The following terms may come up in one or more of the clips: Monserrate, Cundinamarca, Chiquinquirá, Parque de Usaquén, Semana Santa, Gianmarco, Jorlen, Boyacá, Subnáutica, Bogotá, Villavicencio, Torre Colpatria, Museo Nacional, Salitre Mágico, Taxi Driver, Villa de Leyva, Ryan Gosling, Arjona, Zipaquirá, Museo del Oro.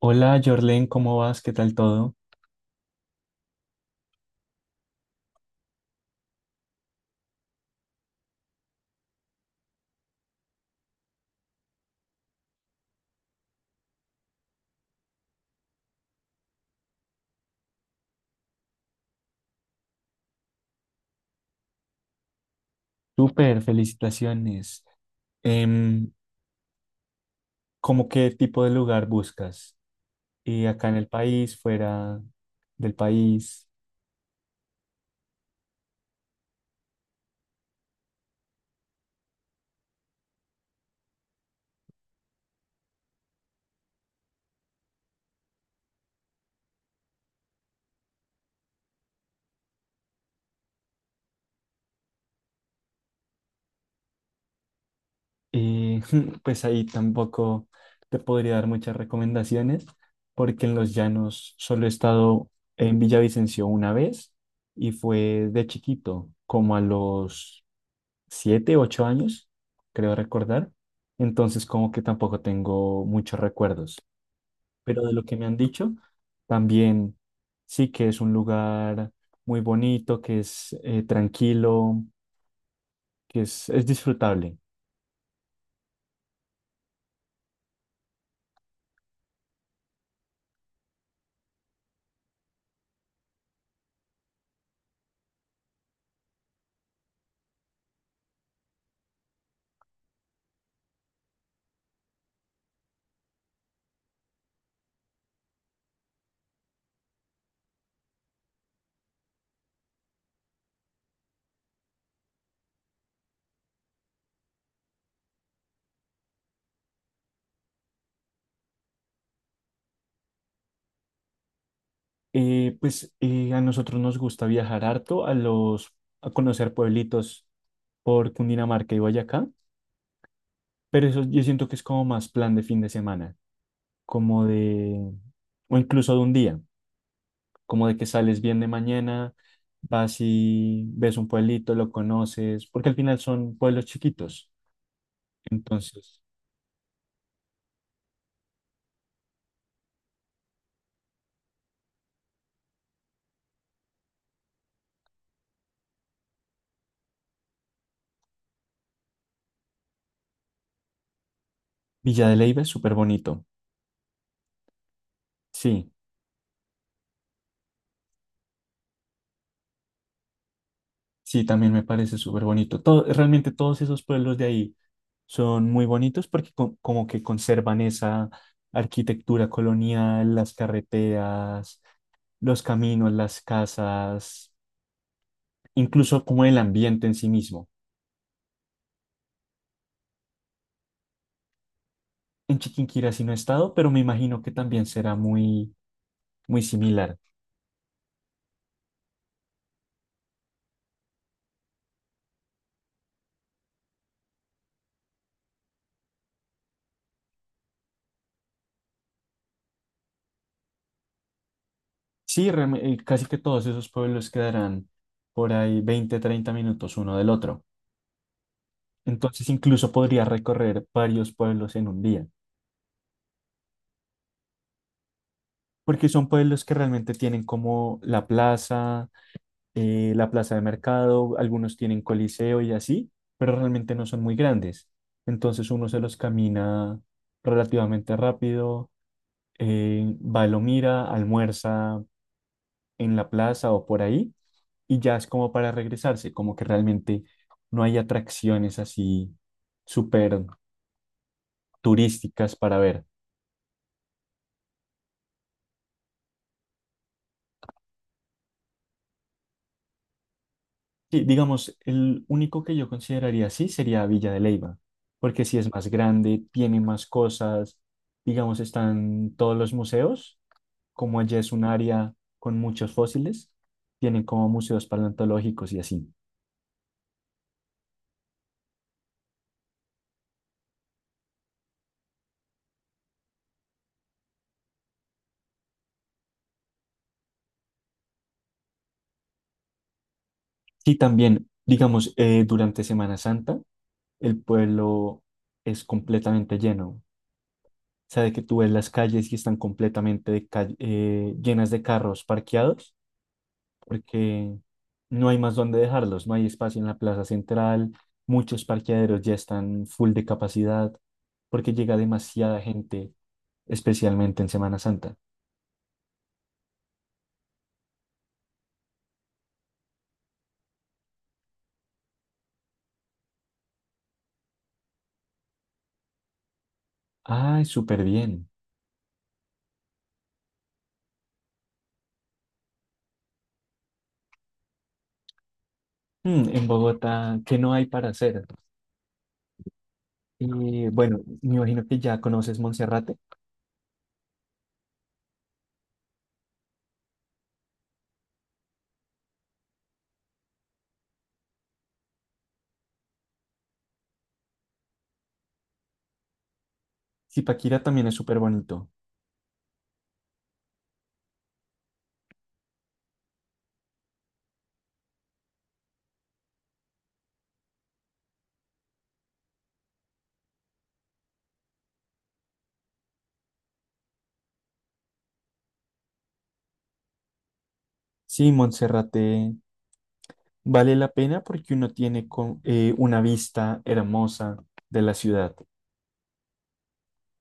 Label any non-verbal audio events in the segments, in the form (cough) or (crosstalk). Hola, Jorlen, ¿cómo vas? ¿Qué tal todo? Súper, felicitaciones. Em, ¿Cómo qué tipo de lugar buscas? Y acá en el país, fuera del país, y (laughs) pues ahí tampoco te podría dar muchas recomendaciones, porque en los llanos solo he estado en Villavicencio una vez y fue de chiquito, como a los 7, 8 años, creo recordar. Entonces, como que tampoco tengo muchos recuerdos. Pero de lo que me han dicho, también sí que es un lugar muy bonito, que es tranquilo, que es disfrutable. A nosotros nos gusta viajar harto a a conocer pueblitos por Cundinamarca y Boyacá, pero eso yo siento que es como más plan de fin de semana, como de, o incluso de un día, como de que sales bien de mañana, vas y ves un pueblito, lo conoces, porque al final son pueblos chiquitos. Entonces, Villa de Leyva es súper bonito. Sí, sí, también me parece súper bonito. Todo, realmente todos esos pueblos de ahí son muy bonitos porque como que conservan esa arquitectura colonial, las carreteras, los caminos, las casas, incluso como el ambiente en sí mismo. En Chiquinquirá sí no he estado, pero me imagino que también será muy, muy similar. Sí, casi que todos esos pueblos quedarán por ahí 20 30 minutos uno del otro. Entonces incluso podría recorrer varios pueblos en un día, porque son pueblos que realmente tienen como la plaza de mercado, algunos tienen coliseo y así, pero realmente no son muy grandes. Entonces uno se los camina relativamente rápido, va, lo mira, almuerza en la plaza o por ahí, y ya es como para regresarse, como que realmente no hay atracciones así súper turísticas para ver. Sí, digamos, el único que yo consideraría así sería Villa de Leyva, porque sí es más grande, tiene más cosas, digamos, están todos los museos, como allá es un área con muchos fósiles, tienen como museos paleontológicos y así. Sí, también, digamos, durante Semana Santa, el pueblo es completamente lleno. O sea, de que tú ves las calles y están completamente llenas de carros parqueados porque no hay más dónde dejarlos, no hay espacio en la plaza central, muchos parqueaderos ya están full de capacidad, porque llega demasiada gente, especialmente en Semana Santa. Ay, súper bien. Mm, en Bogotá, ¿qué no hay para hacer? Y bueno, me imagino que ya conoces Monserrate. Zipaquirá también es súper bonito. Sí, Monserrate vale la pena porque uno tiene una vista hermosa de la ciudad.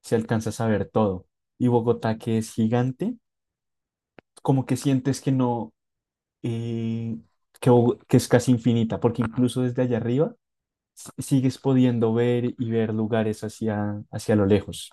Se alcanza a saber todo. Y Bogotá, que es gigante, como que sientes que no, eh, que es casi infinita, porque incluso desde allá arriba sigues pudiendo ver y ver lugares hacia, hacia lo lejos.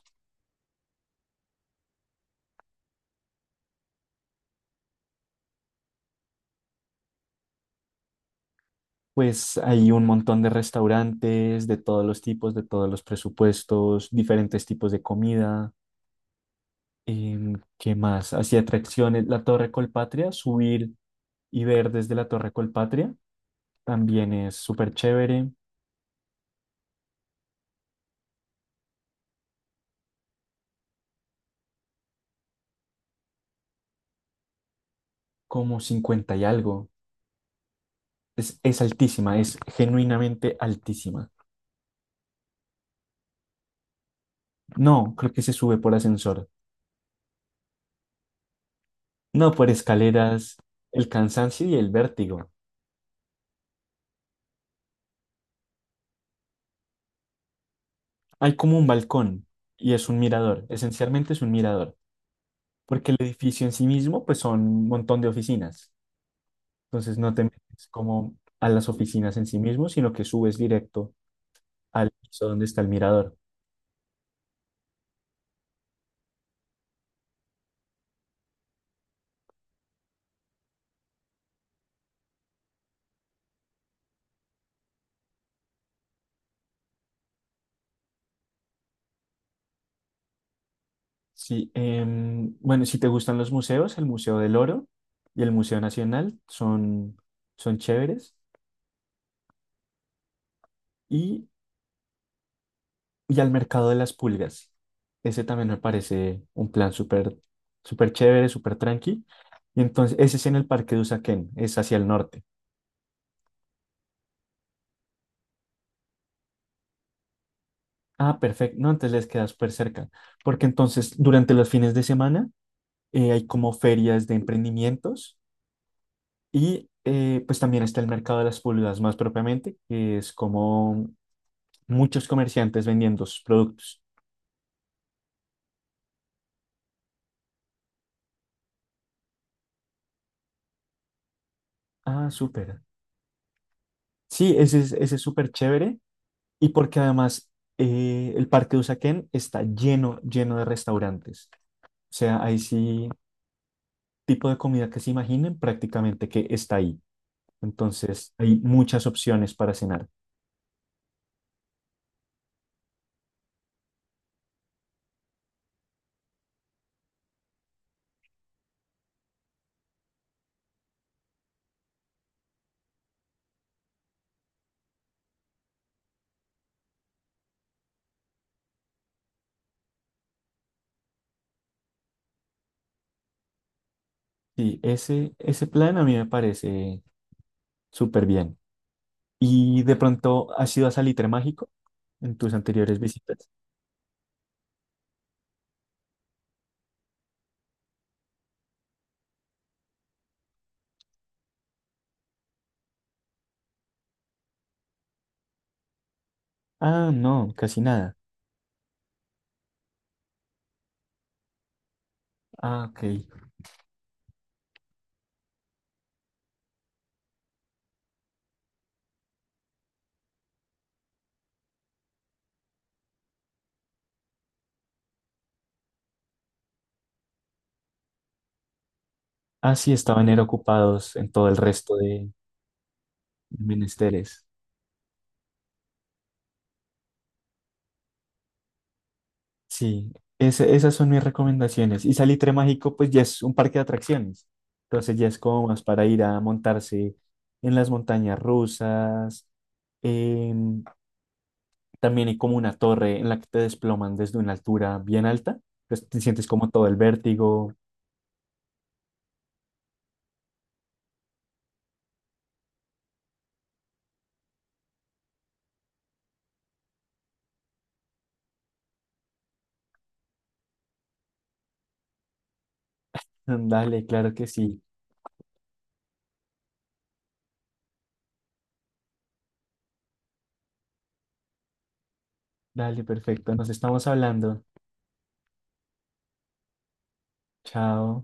Pues hay un montón de restaurantes de todos los tipos, de todos los presupuestos, diferentes tipos de comida. ¿Qué más? Hacia atracciones, la Torre Colpatria, subir y ver desde la Torre Colpatria también es súper chévere, como 50 y algo. Es altísima, es genuinamente altísima. No, creo que se sube por ascensor. No, por escaleras, el cansancio y el vértigo. Hay como un balcón y es un mirador, esencialmente es un mirador, porque el edificio en sí mismo pues son un montón de oficinas. Entonces no te metes como a las oficinas en sí mismo, sino que subes directo al piso donde está el mirador. Sí, bueno, si te gustan los museos, el Museo del Oro y el Museo Nacional son chéveres. Y Y al mercado de las pulgas. Ese también me parece un plan súper súper chévere, súper tranqui. Y entonces, ese es en el Parque de Usaquén, es hacia el norte. Ah, perfecto. No, entonces les queda súper cerca. Porque entonces, durante los fines de semana, hay como ferias de emprendimientos y pues también está el mercado de las pulgas más propiamente, que es como muchos comerciantes vendiendo sus productos. Ah, súper. Sí, ese es súper chévere. Y porque además el Parque de Usaquén está lleno, lleno de restaurantes. O sea, hay sí tipo de comida que se imaginen prácticamente que está ahí. Entonces, hay muchas opciones para cenar. Sí, ese plan a mí me parece súper bien. ¿Y de pronto has ido a Salitre Mágico en tus anteriores visitas? Ah, no, casi nada. Ah, ok. Ah, sí, estaban eran ocupados en todo el resto de menesteres. Sí, esas son mis recomendaciones. Y Salitre Mágico, pues ya es un parque de atracciones. Entonces ya es como más para ir a montarse en las montañas rusas. em, También hay como una torre en la que te desploman desde una altura bien alta. Entonces te sientes como todo el vértigo. (laughs) Dale, claro que sí. Dale, perfecto. Nos estamos hablando. Chao.